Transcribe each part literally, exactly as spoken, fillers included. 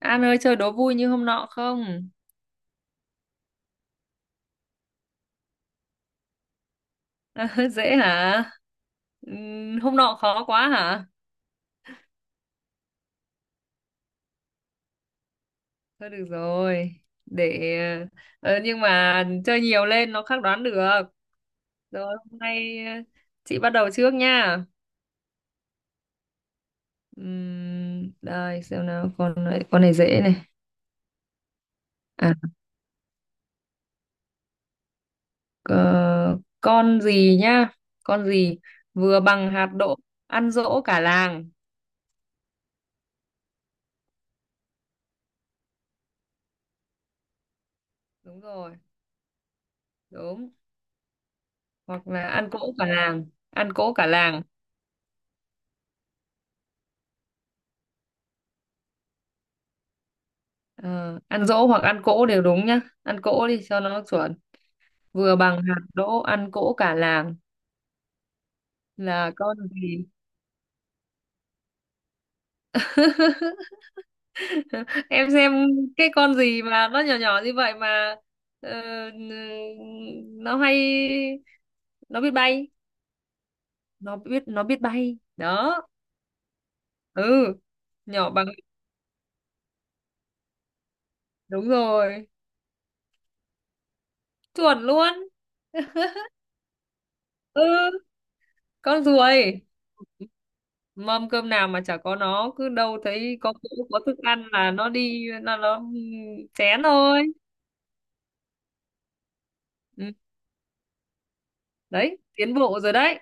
An ơi chơi đố vui như hôm nọ không? Dễ hả? Ừm, Hôm nọ khó quá hả? Thôi được rồi. Để ờ, nhưng mà chơi nhiều lên nó khắc đoán được. Rồi hôm nay ờ, chị bắt đầu trước nha. Ừm, đây xem nào, con này, con này dễ này. À ờ, con gì nhá? Con gì vừa bằng hạt đỗ, ăn dỗ cả làng. Đúng rồi, đúng. Hoặc là ăn cỗ cả làng, ăn cỗ cả làng. Ờ, Ăn dỗ hoặc ăn cỗ đều đúng nhá, ăn cỗ đi cho nó chuẩn. Vừa bằng hạt đỗ ăn cỗ cả làng là con gì? Em xem cái con gì mà nó nhỏ nhỏ như vậy mà, ờ, nó hay, nó biết bay, nó biết nó biết bay đó. Ừ, nhỏ bằng. Đúng rồi, chuẩn luôn. Ừ, con ruồi. Mâm cơm nào mà chả có nó, cứ đâu thấy có cỗ, có thức ăn là nó đi, là nó chén thôi. Ừ. Đấy, tiến bộ rồi đấy.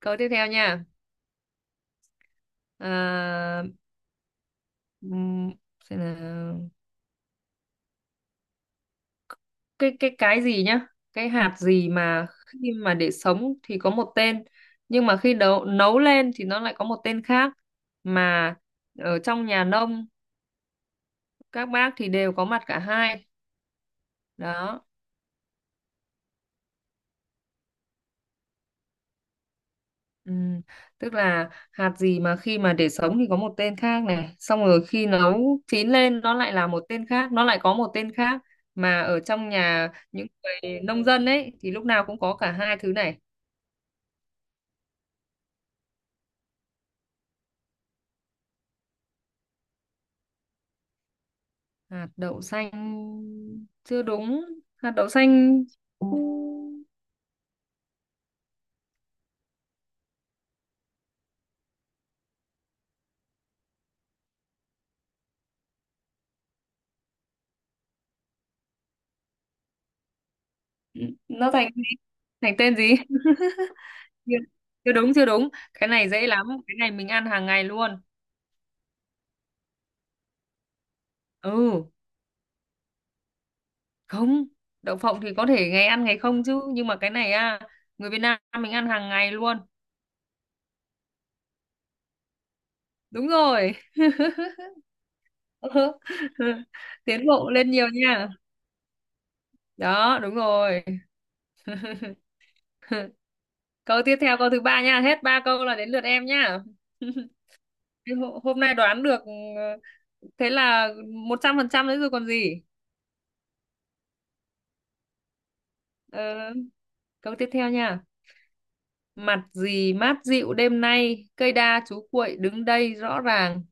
Câu tiếp theo nha. à, ừm, xem nào. cái cái cái gì nhá? Cái hạt gì mà khi mà để sống thì có một tên, nhưng mà khi nấu nấu lên thì nó lại có một tên khác, mà ở trong nhà nông các bác thì đều có mặt cả hai đó. Ừ, tức là hạt gì mà khi mà để sống thì có một tên khác này, xong rồi khi nấu chín lên nó lại là một tên khác, nó lại có một tên khác, mà ở trong nhà những người nông dân ấy thì lúc nào cũng có cả hai thứ này. Hạt đậu xanh. Chưa đúng, hạt đậu xanh nó thành gì? Thành tên gì? Chưa chưa đúng, chưa đúng, cái này dễ lắm, cái này mình ăn hàng ngày luôn. Ừ. Không, đậu phộng thì có thể ngày ăn ngày không chứ, nhưng mà cái này à, người Việt Nam mình ăn hàng ngày luôn. Đúng rồi. Tiến bộ lên nhiều nha, đó đúng rồi. Câu tiếp theo, câu thứ ba nha, hết ba câu là đến lượt em nha. Thế Hô- hôm nay đoán được, ờ, thế là một trăm phần trăm đấy rồi còn gì. Ờ, câu tiếp theo nha. Mặt gì mát dịu đêm nay, cây đa chú cuội đứng đây rõ ràng?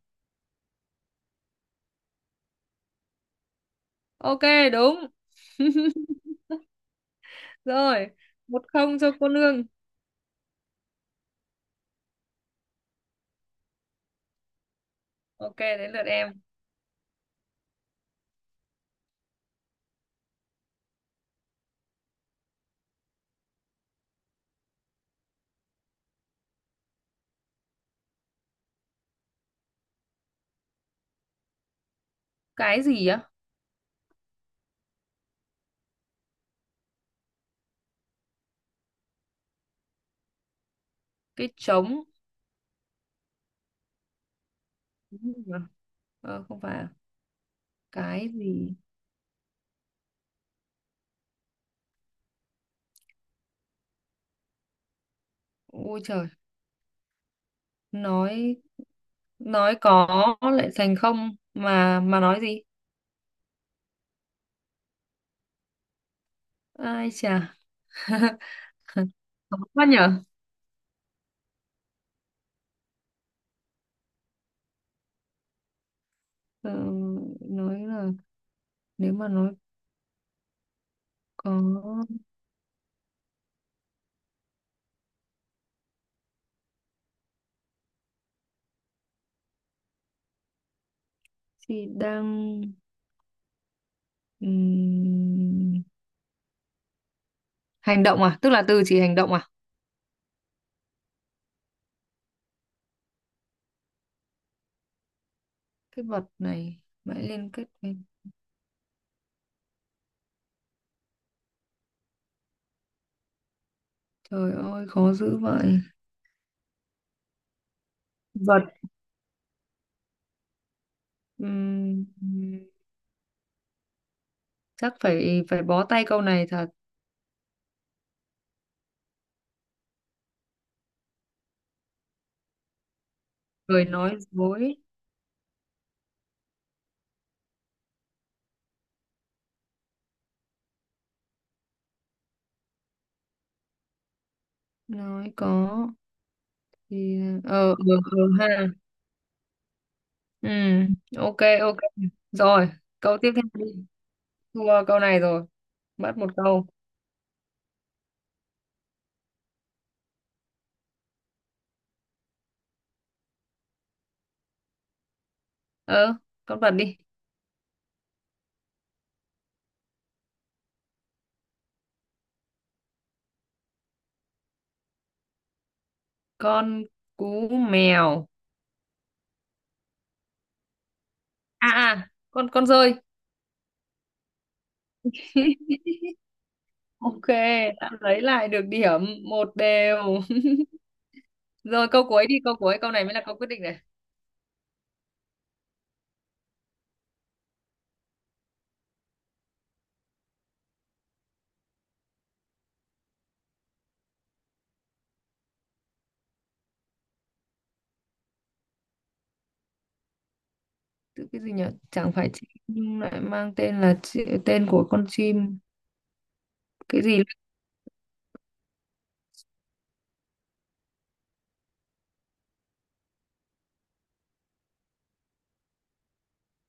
Ok, đúng. Rồi, một không cho cô nương. Ok, đến lượt em. Cái gì á? Cái trống. Đúng rồi. Ờ, không phải. À? Cái gì? Ôi trời. Nói nói có lại thành không, mà mà nói gì? Ai chà. Khó quá nhở. Ờ, nói là, nếu mà nói có thì đang, ừm, hành động à? Tức là từ chỉ hành động à? Cái vật này mãi liên kết với... Trời ơi, khó dữ vậy. Vật. Ừm, Chắc phải phải bó tay câu này thật. Người nói dối, nói có thì, ờ ừ, ừ, ha. Ừ. Ok, ok. Rồi, câu tiếp theo đi, thua câu này rồi, mất một câu. Ờ, con vật đi. Con cú mèo. À à con con dơi. Ok, đã lấy lại được điểm, một đều. Rồi, câu cuối đi, câu cuối câu này mới là câu quyết định này. Tự cái gì nhỉ? Chẳng phải chim nhưng lại mang tên là chi- tên của con chim. Cái gì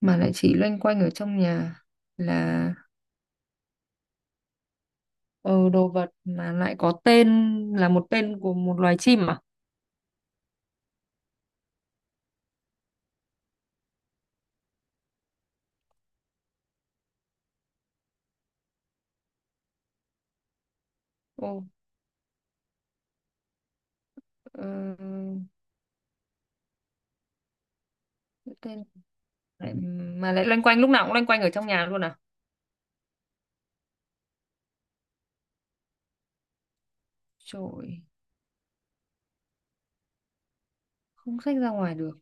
mà lại chỉ loanh quanh ở trong nhà là ờ, đồ vật mà lại có tên là một tên của một loài chim à? Ồ, ờ, tên lại, mà lại loanh quanh, lúc nào cũng loanh quanh ở trong nhà luôn à? Trời, không xách ra ngoài được.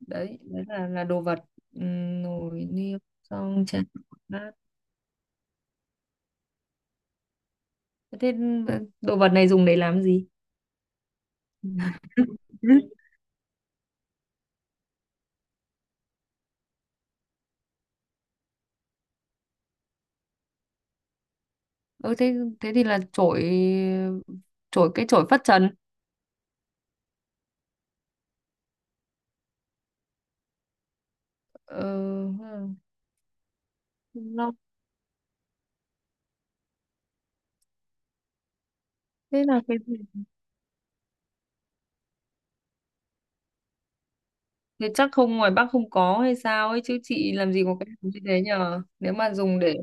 Đấy, đấy là là đồ vật. Ừm, nồi niêu xong chén bát. Thế đồ vật này dùng để làm gì? Ừ, thế thế thì là chổi chổi cái chổi phất trần. Ờ, ừ. Nó thế là cái gì? Thế chắc không, ngoài Bắc không có hay sao ấy chứ, chị làm gì có cái đồ như thế nhờ. Nếu mà dùng để,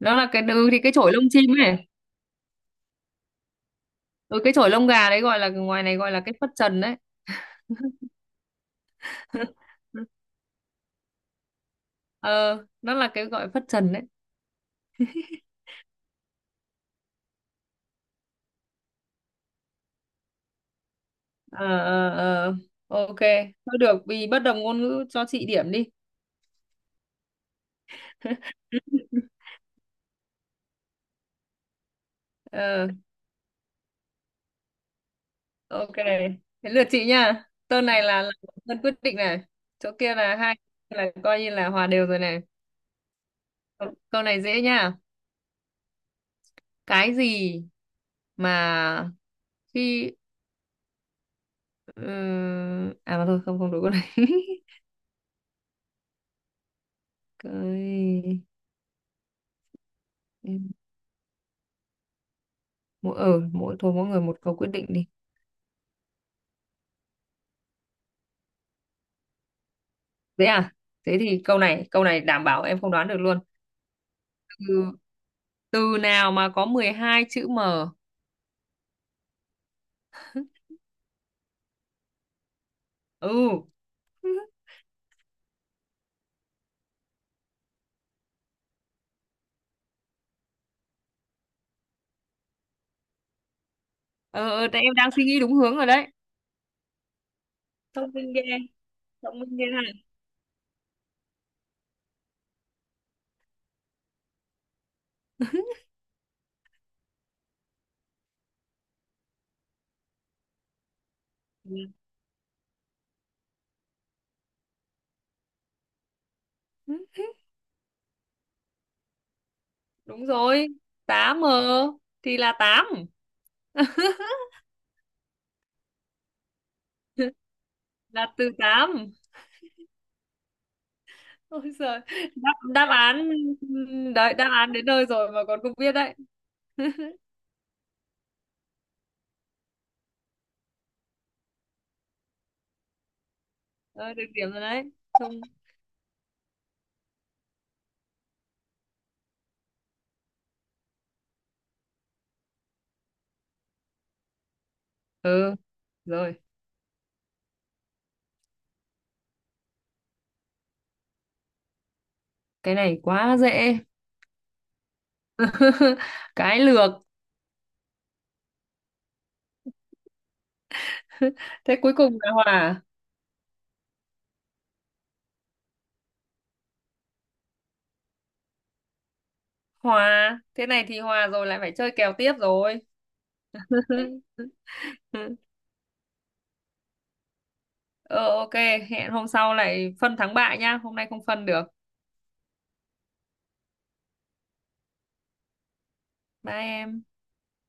nó là cái, ừ, thì cái chổi lông chim ấy. Ừ, cái chổi lông gà đấy gọi là, ngoài này gọi là cái phất trần đấy. ờ nó là cái gọi phất trần đấy. Ờ, ờ, ờ. Ok. Thôi được, vì bất đồng ngôn ngữ cho chị điểm đi. Ờ, ok. Thế lượt chị nha. Tơn này là là Tơn quyết định này. Chỗ kia là hai, là coi như là hòa đều rồi này. Câu này dễ nha. Cái gì mà khi ừm, à mà thôi, không, không đúng câu này. cái mỗi ờ mỗi Thôi, mỗi người một câu quyết định đi. Thế à? Thế thì câu này câu này đảm bảo em không đoán được luôn. Từ, từ nào mà có mười hai chữ M? Ừ. Ờ, ờ, tại em đang suy nghĩ đúng hướng rồi đấy. Thông minh ghê. Thông minh ghê hả? Ừ. Đúng rồi, tám M thì là tám. Là từ tám. Ôi giời, đáp, đáp án đấy, đáp án đến nơi rồi mà còn không biết đấy. Ờ, được điểm rồi đấy. Không. Ừ, rồi. Cái này quá dễ. Cái lược. Thế cuối cùng là hòa. Hòa. Thế này thì hòa rồi, lại phải chơi kèo tiếp rồi. Ờ, ok, hẹn hôm sau lại phân thắng bại nhá. Hôm nay không phân được. Bye em.